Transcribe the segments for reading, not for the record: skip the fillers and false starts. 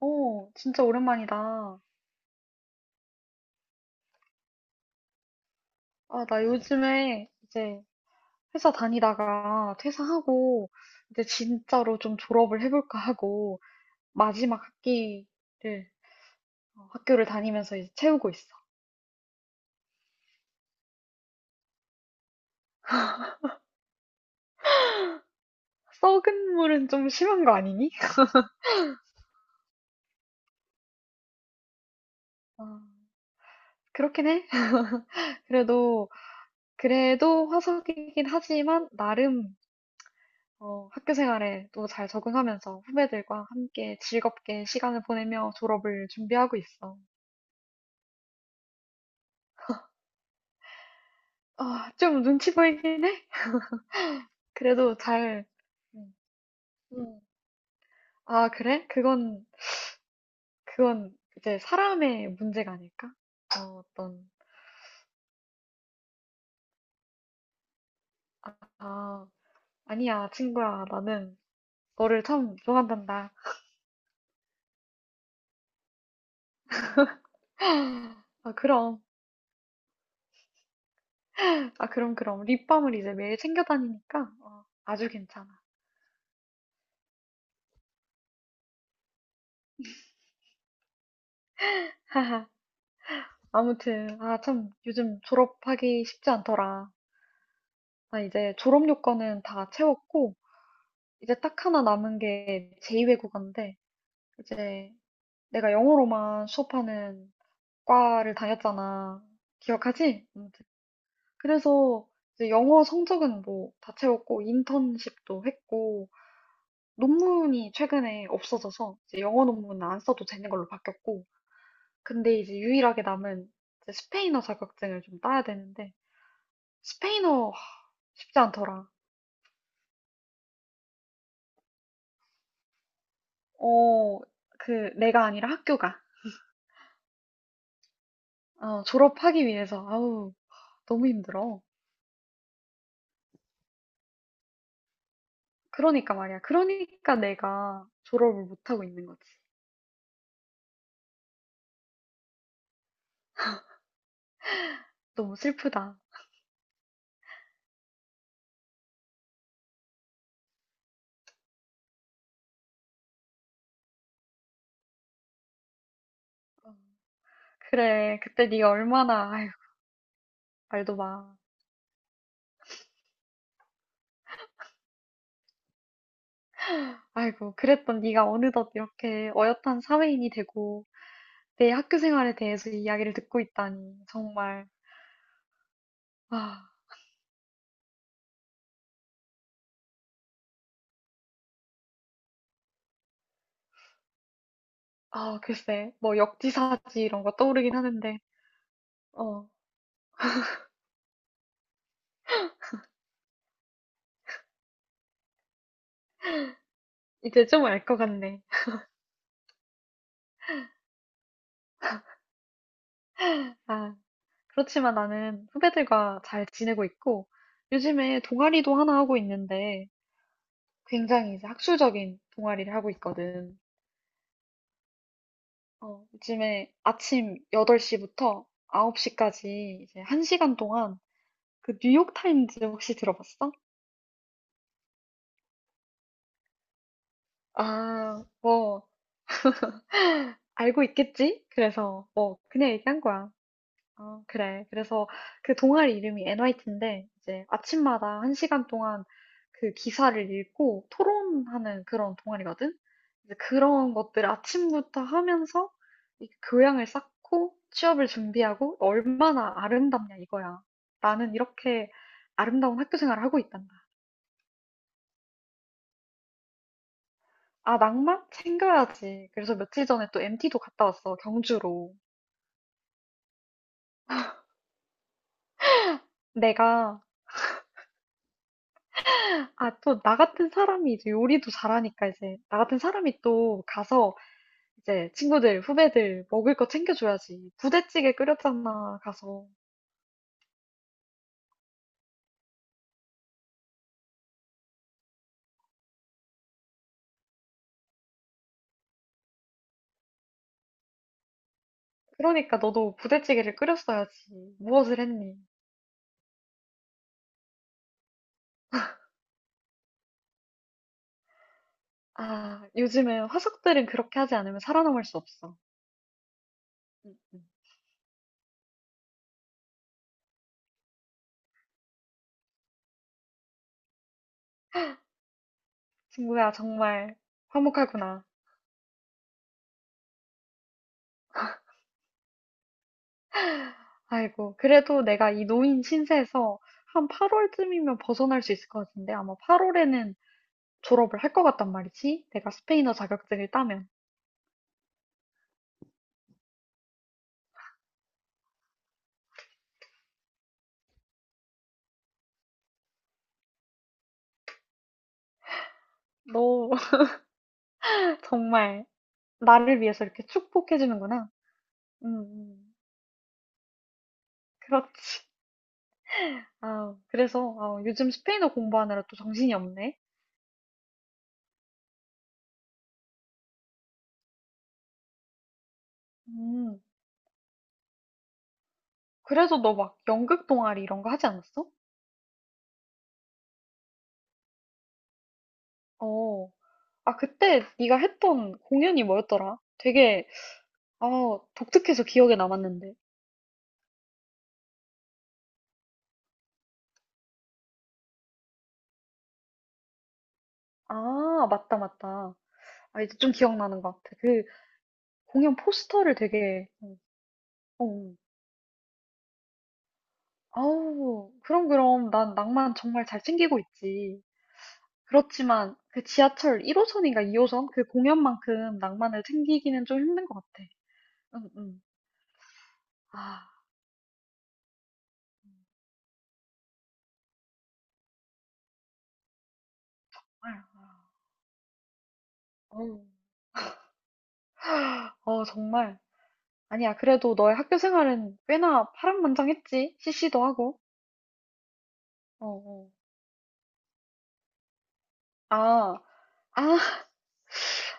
진짜 오랜만이다. 나 요즘에 이제 회사 다니다가 퇴사하고 이제 진짜로 좀 졸업을 해볼까 하고 마지막 학기를 학교를 다니면서 이제 채우고 있어. 썩은 물은 좀 심한 거 아니니? 아, 그렇긴 해. 그래도 그래도 화석이긴 하지만 나름 학교 생활에 또 잘 적응하면서 후배들과 함께 즐겁게 시간을 보내며 졸업을 준비하고 있어. 좀 눈치 보이긴 해. 그래도 잘, 음. 음. 아, 그래? 그건 이제 사람의 문제가 아닐까? 어, 어떤, 아, 아, 아니야, 친구야. 나는 너를 참 좋아한단다. 아, 그럼. 아, 그럼, 그럼. 립밤을 이제 매일 챙겨 다니니까, 아주 괜찮아. 아무튼, 아, 참, 요즘 졸업하기 쉽지 않더라. 나 이제 졸업 요건은 다 채웠고, 이제 딱 하나 남은 게 제2외국어인데, 이제 내가 영어로만 수업하는 과를 다녔잖아. 기억하지? 아무튼. 그래서 이제 영어 성적은 뭐 다 채웠고 인턴십도 했고, 논문이 최근에 없어져서 이제 영어 논문은 안 써도 되는 걸로 바뀌었고, 근데 이제 유일하게 남은 이제 스페인어 자격증을 좀 따야 되는데, 스페인어 하, 쉽지 않더라. 어, 그 내가 아니라 학교가. 어, 졸업하기 위해서 아우 너무 힘들어. 그러니까 말이야. 그러니까 내가 졸업을 못하고 있는 거지. 너무 슬프다. 어. 그래, 그때 네가 얼마나, 아이고, 말도 마. 아이고, 그랬던 네가 어느덧 이렇게 어엿한 사회인이 되고 내 학교 생활에 대해서 이야기를 듣고 있다니, 정말. 아, 아, 글쎄, 뭐 역지사지 이런 거 떠오르긴 하는데, 어, 이제 좀 알 것 같네. 아, 그렇지만 나는 후배들과 잘 지내고 있고, 요즘에 동아리도 하나 하고 있는데, 굉장히 이제 학술적인 동아리를 하고 있거든. 어, 요즘에 아침 8시부터 9시까지 이제 1시간 동안 그 뉴욕타임즈 혹시 들어봤어? 아, 뭐, 알고 있겠지? 그래서 뭐, 그냥 얘기한 거야. 어, 그래. 그래서 그 동아리 이름이 NYT인데, 이제 아침마다 한 시간 동안 그 기사를 읽고 토론하는 그런 동아리거든? 이제 그런 것들 아침부터 하면서 이 교양을 쌓고 취업을 준비하고 얼마나 아름답냐 이거야. 나는 이렇게 아름다운 학교 생활을 하고 있단다. 아, 낭만? 챙겨야지. 그래서 며칠 전에 또 MT도 갔다 왔어, 경주로. 내가 아, 또, 나 같은 사람이 이제 요리도 잘하니까 이제, 나 같은 사람이 또 가서 이제 친구들, 후배들 먹을 거 챙겨줘야지. 부대찌개 끓였잖아, 가서. 그러니까 너도 부대찌개를 끓였어야지. 무엇을 했니? 아, 요즘은 화석들은 그렇게 하지 않으면 살아남을 수 없어. 음, 음. 친구야, 정말 화목하구나. 아이고, 그래도 내가 이 노인 신세에서 한 8월쯤이면 벗어날 수 있을 것 같은데, 아마 8월에는 졸업을 할 것 같단 말이지. 내가 스페인어 자격증을 따면. 너 정말 나를 위해서 이렇게 축복해주는구나. 음, 음. 그렇지. 그래서 아, 요즘 스페인어 공부하느라 또 정신이 없네. 음, 그래서 너 막 연극 동아리 이런 거 하지 않았어? 어, 아 그때 네가 했던 공연이 뭐였더라? 되게 아 독특해서 기억에 남았는데. 아, 맞다, 맞다. 아, 이제 좀 기억나는 것 같아. 그 공연 포스터를 되게, 어. 아우, 그럼, 그럼. 난 낭만 정말 잘 챙기고 있지. 그렇지만 그 지하철 1호선인가 2호선 그 공연만큼 낭만을 챙기기는 좀 힘든 것 같아. 응, 응. 아, 정말. 어 어, 정말. 아니야, 그래도 너의 학교 생활은 꽤나 파란만장했지. CC도 하고. 어, 어. 아, 아,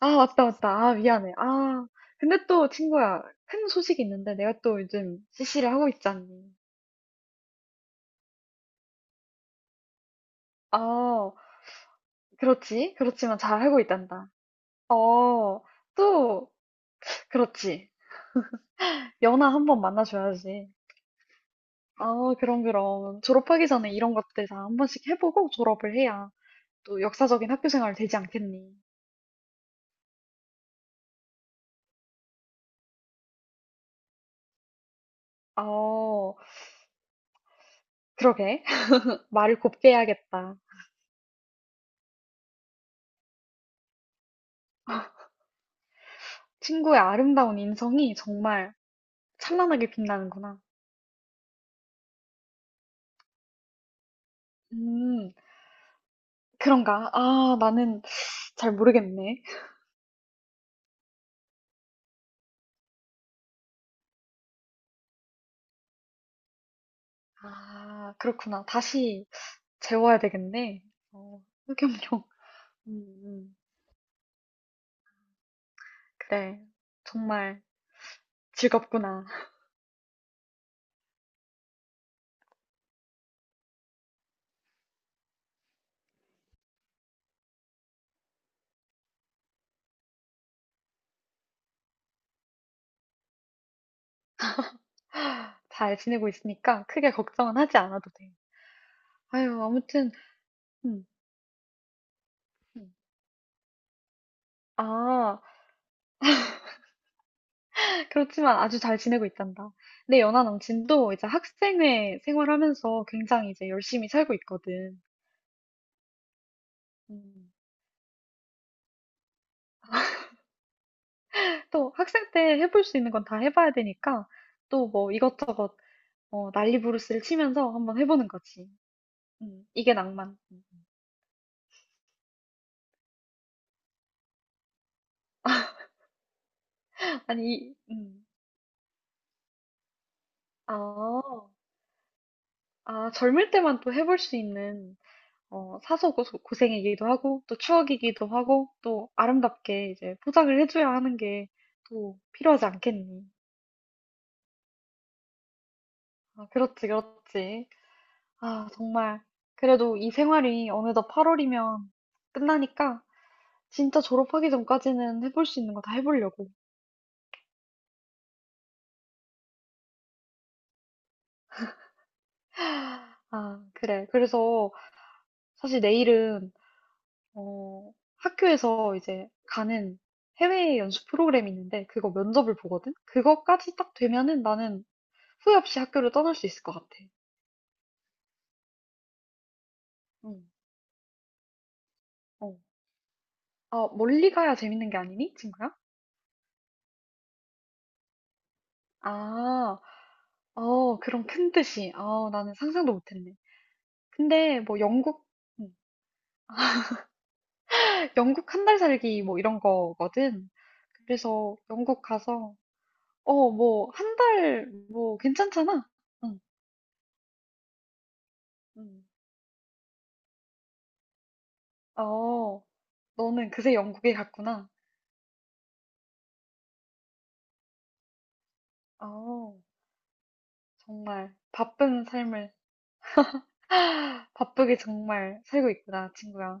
아, 맞다, 맞다. 아, 미안해. 근데 또 친구야, 큰 소식이 있는데 내가 또 요즘 CC를 하고 있잖니. 아, 그렇지. 그렇지만 잘 하고 있단다. 어, 또, 그렇지. 연하 한 번 만나줘야지. 아, 그럼, 그럼. 졸업하기 전에 이런 것들 다 한 번씩 해보고 졸업을 해야 또 역사적인 학교 생활 되지 않겠니? 어, 그러게. 말을 곱게 해야겠다. 친구의 아름다운 인성이 정말 찬란하게 빛나는구나. 음, 그런가? 아, 나는 잘 모르겠네. 아, 그렇구나. 다시 재워야 되겠네. 어, 흑염룡. 음, 음. 그래. 정말 즐겁구나. 잘 지내고 있으니까 크게 걱정은 하지 않아도 돼. 아유, 아무튼, 음, 음. 아, 그렇지만 아주 잘 지내고 있단다. 내 연하 남친도 이제 학생회 생활하면서 굉장히 이제 열심히 살고 있거든. 음. 또 학생 때 해볼 수 있는 건 다 해봐야 되니까 또 뭐 이것저것 어, 난리부르스를 치면서 한번 해보는 거지. 이게 낭만. 음. 아니, 이- 아, 아, 젊을 때만 또 해볼 수 있는 어, 사서 고생이기도 하고, 또 추억이기도 하고, 또 아름답게 이제 포장을 해줘야 하는 게 또 필요하지 않겠니? 아, 그렇지, 그렇지. 아, 정말. 그래도 이 생활이 어느덧 8월이면 끝나니까 진짜 졸업하기 전까지는 해볼 수 있는 거 다 해보려고. 아, 그래. 그래서 사실 내일은, 어, 학교에서 이제 가는 해외 연수 프로그램이 있는데 그거 면접을 보거든? 그거까지 딱 되면은 나는 후회 없이 학교를 떠날 수 있을 것 같아. 응, 어. 아, 멀리 가야 재밌는 게 아니니, 친구야? 아, 어, 그런 큰 뜻이. 아, 나는 상상도 못했네. 근데 뭐 영국, 응. 영국 한 달 살기 뭐 이런 거거든. 그래서 영국 가서, 어, 뭐, 한 달, 뭐, 괜찮잖아. 응, 응. 어, 너는 그새 영국에 갔구나. 어, 정말 바쁜 삶을, 바쁘게 정말 살고 있구나, 친구야.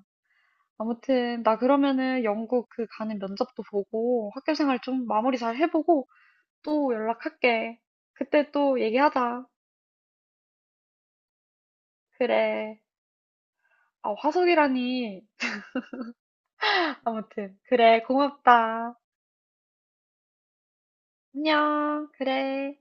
아무튼 나 그러면은 영국 그 가는 면접도 보고 학교 생활 좀 마무리 잘 해보고 또 연락할게. 그때 또 얘기하자. 그래. 아, 화석이라니. 아무튼 그래. 고맙다. 안녕. 그래.